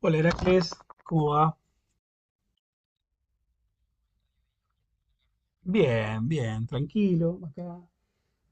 Hola Heracles, ¿cómo va? Bien, bien, tranquilo, acá,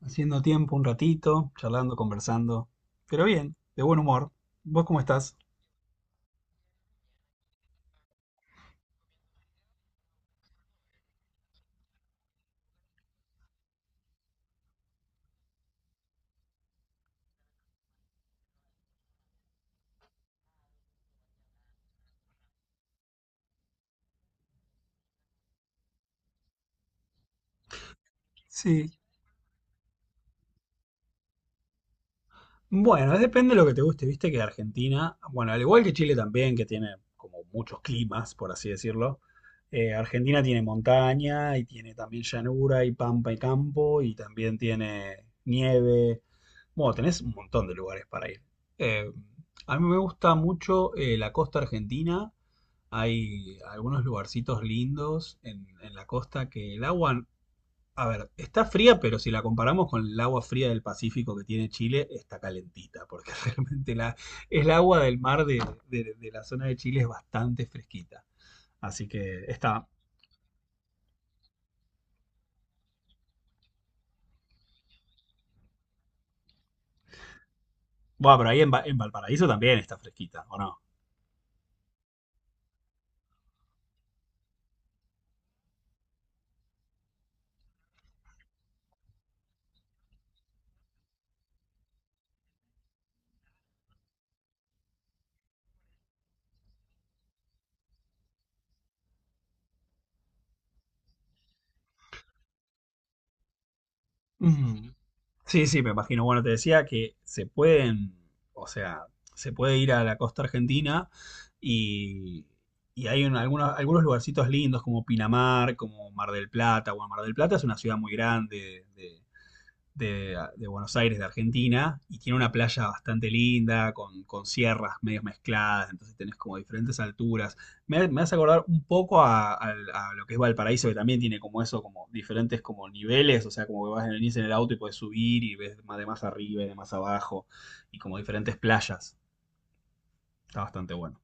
haciendo tiempo un ratito, charlando, conversando, pero bien, de buen humor. ¿Vos cómo estás? Sí, bueno, depende de lo que te guste, viste que Argentina, bueno, al igual que Chile también, que tiene como muchos climas, por así decirlo. Argentina tiene montaña y tiene también llanura y pampa y campo y también tiene nieve. Bueno, tenés un montón de lugares para ir. Eh, a mí me gusta mucho la costa argentina. Hay algunos lugarcitos lindos en la costa que el agua, a ver, está fría, pero si la comparamos con el agua fría del Pacífico que tiene Chile, está calentita, porque realmente el agua del mar de la zona de Chile es bastante fresquita. Así que está... Bueno, pero ahí en, en Valparaíso también está fresquita, ¿o no? Mm. Sí, sí, me imagino. Bueno, te decía que se pueden, o sea, se puede ir a la costa argentina y, y hay algunos, algunos lugarcitos lindos como Pinamar, como Mar del Plata. Bueno, Mar del Plata es una ciudad muy grande Buenos Aires, de Argentina, y tiene una playa bastante linda, con sierras medio mezcladas, entonces tenés como diferentes alturas. Me hace acordar un poco a lo que es Valparaíso, que también tiene como eso, como diferentes como niveles, o sea, como que vas en el, venís en el auto y puedes subir y ves más de más arriba y de más abajo, y como diferentes playas. Está bastante bueno.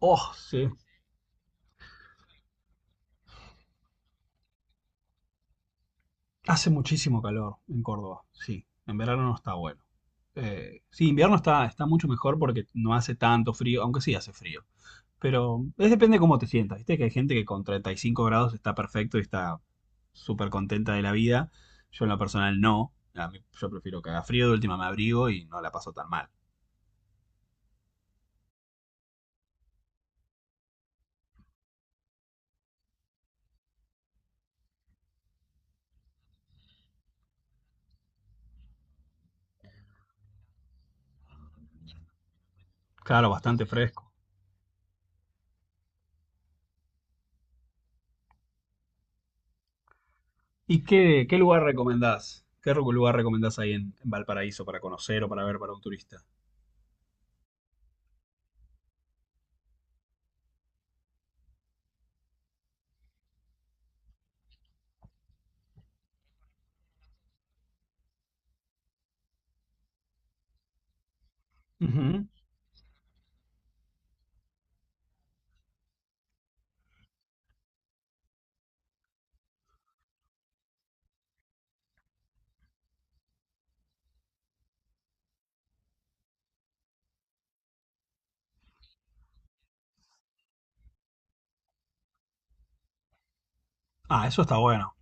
Oh, sí. Hace muchísimo calor en Córdoba, sí. En verano no está bueno. Sí, invierno está mucho mejor porque no hace tanto frío, aunque sí hace frío. Pero es depende de cómo te sientas, ¿viste? Que hay gente que con 35 grados está perfecto y está súper contenta de la vida. Yo en lo personal no. Yo prefiero que haga frío, de última me abrigo y no la paso tan mal. Claro, bastante fresco. ¿Y qué, qué lugar recomendás? ¿Qué lugar recomendás ahí en Valparaíso para conocer o para ver para un turista? Ujú. Ah, eso está bueno.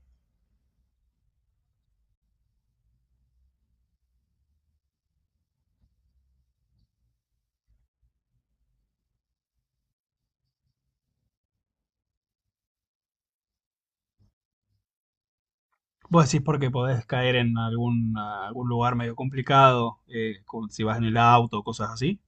Vos decís porque podés caer en algún, algún lugar medio complicado, si vas en el auto, cosas así.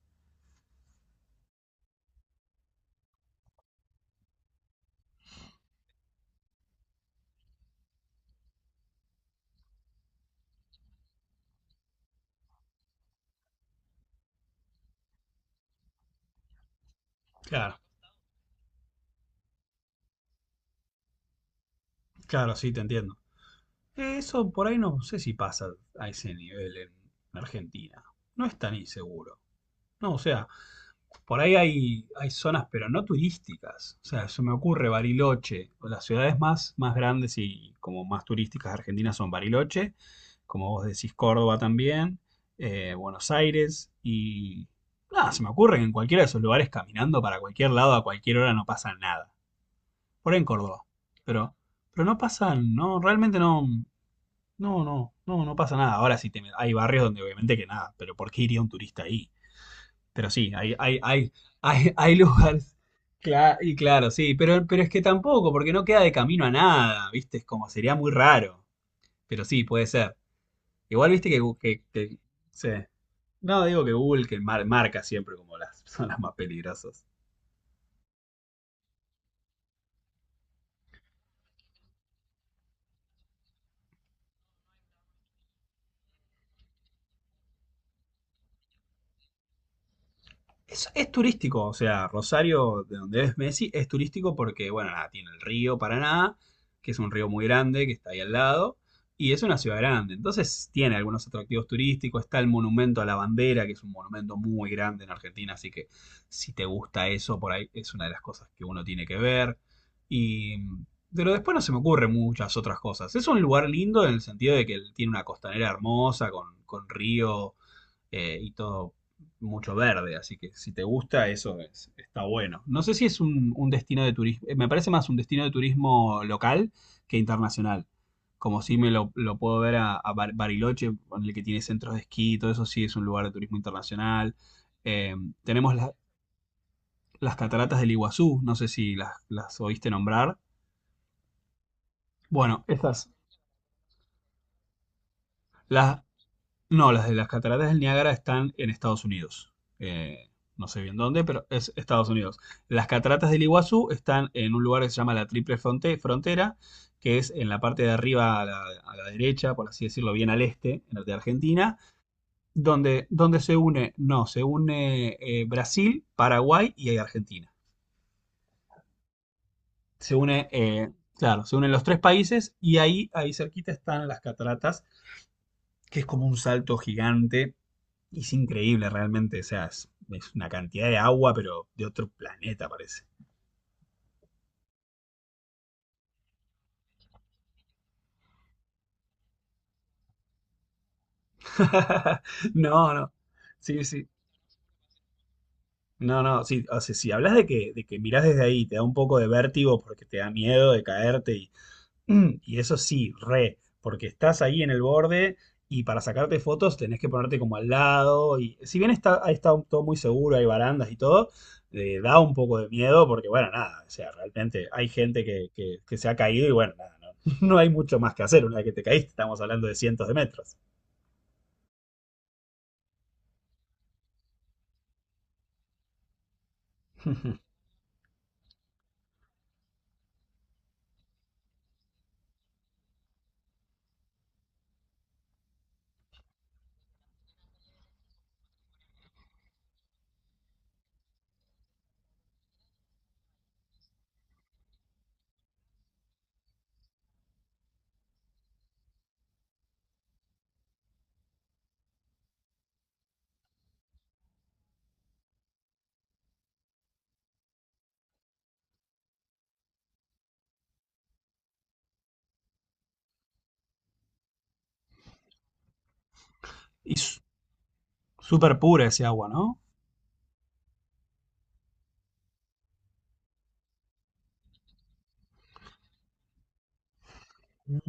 Claro, claro, sí, te entiendo. Eso por ahí no sé si pasa a ese nivel en Argentina. No es tan inseguro. No, o sea, por ahí hay, hay zonas, pero no turísticas. O sea, se me ocurre Bariloche. Las ciudades más, más grandes y como más turísticas de Argentina son Bariloche, como vos decís, Córdoba también, Buenos Aires y... Nada, se me ocurre que en cualquiera de esos lugares caminando para cualquier lado a cualquier hora no pasa nada. Por ahí en Córdoba. Pero, pero no pasan, no, realmente no, no pasa nada. Ahora sí, hay barrios donde obviamente que nada, pero ¿por qué iría un turista ahí? Pero sí, hay lugares. Y claro, sí, pero es que tampoco, porque no queda de camino a nada, ¿viste? Es como sería muy raro. Pero sí, puede ser. Igual, viste que, que- sí. No, digo que Google marca siempre como las zonas más peligrosas. Es turístico, o sea, Rosario, de donde es Messi, es turístico porque, bueno, nada, tiene el río Paraná, que es un río muy grande que está ahí al lado, y es una ciudad grande. Entonces tiene algunos atractivos turísticos, está el monumento a la bandera, que es un monumento muy grande en Argentina, así que si te gusta eso, por ahí es una de las cosas que uno tiene que ver. Y, pero después no se me ocurren muchas otras cosas. Es un lugar lindo en el sentido de que tiene una costanera hermosa, con río y todo mucho verde, así que si te gusta eso está bueno. No sé si es un destino de turismo, me parece más un destino de turismo local que internacional. Como si me lo puedo ver a Bariloche, el que tiene centros de esquí, y todo eso sí es un lugar de turismo internacional. Eh, tenemos las cataratas del Iguazú, no sé si las oíste nombrar. Bueno, estas, las, no, las de las cataratas del Niágara están en Estados Unidos. Eh, no sé bien dónde, pero es Estados Unidos. Las cataratas del Iguazú están en un lugar que se llama la Frontera, que es en la parte de arriba a la derecha, por así decirlo, bien al este en la de Argentina, donde, donde se une, no, se une Brasil, Paraguay y ahí Argentina. Se une, claro, se unen los tres países y ahí, ahí cerquita están las cataratas, que es como un salto gigante y es increíble realmente, o sea, es una cantidad de agua, pero de otro planeta parece. No, no. Sí, sí. No, no, sí. O sea, si hablas de que mirás desde ahí, te da un poco de vértigo porque te da miedo de caerte. Mm, y eso sí, re, porque estás ahí en el borde y para sacarte fotos tenés que ponerte como al lado. Y si bien está, ahí está todo muy seguro, hay barandas y todo, da un poco de miedo porque, bueno, nada, o sea, realmente hay gente que se ha caído y, bueno, nada, no, no hay mucho más que hacer. Una vez que te caíste, estamos hablando de cientos de metros. Y su- súper pura ese agua, ¿no?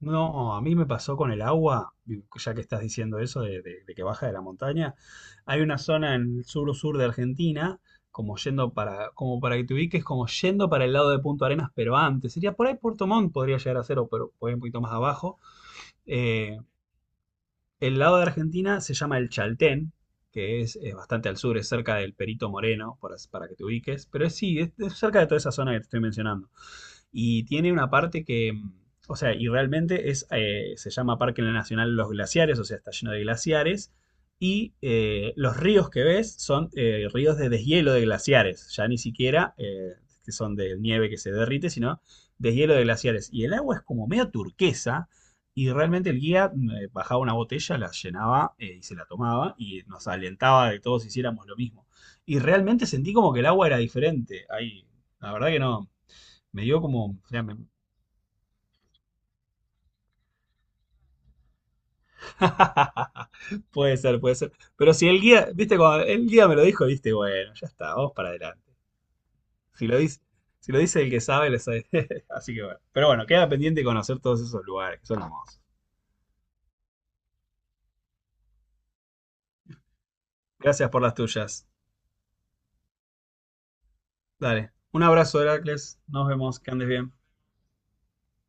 No, a mí me pasó con el agua, y ya que estás diciendo eso de que baja de la montaña. Hay una zona en el sur-sur de Argentina, como yendo para, como para que te ubiques, como yendo para el lado de Punto Arenas, pero antes. Sería por ahí Puerto Montt, podría llegar a ser, o pero por ahí un poquito más abajo. Eh, el lado de Argentina se llama el Chaltén, que es, bastante al sur, es cerca del Perito Moreno, para que te ubiques. Pero sí, es cerca de toda esa zona que te estoy mencionando y tiene una parte que, mm, o sea, y realmente es, se llama Parque Nacional Los Glaciares, o sea, está lleno de glaciares. Y los ríos que ves son ríos de deshielo de glaciares, ya ni siquiera que son de nieve que se derrite, sino deshielo de glaciares. Y el agua es como medio turquesa, y realmente el guía bajaba una botella, la llenaba y se la tomaba y nos alentaba de que todos hiciéramos lo mismo. Y realmente sentí como que el agua era diferente. Ahí, la verdad que no, me dio como. Ya me- Puede ser, puede ser. Pero si el guía, viste, cuando el guía me lo dijo, viste, bueno, ya está, vamos para adelante. Si lo dice, si lo dice el que sabe, lo sabe. Así que bueno. Pero bueno, queda pendiente conocer todos esos lugares, que son hermosos. Gracias por las tuyas. Dale. Un abrazo, Heracles. Nos vemos, que andes bien.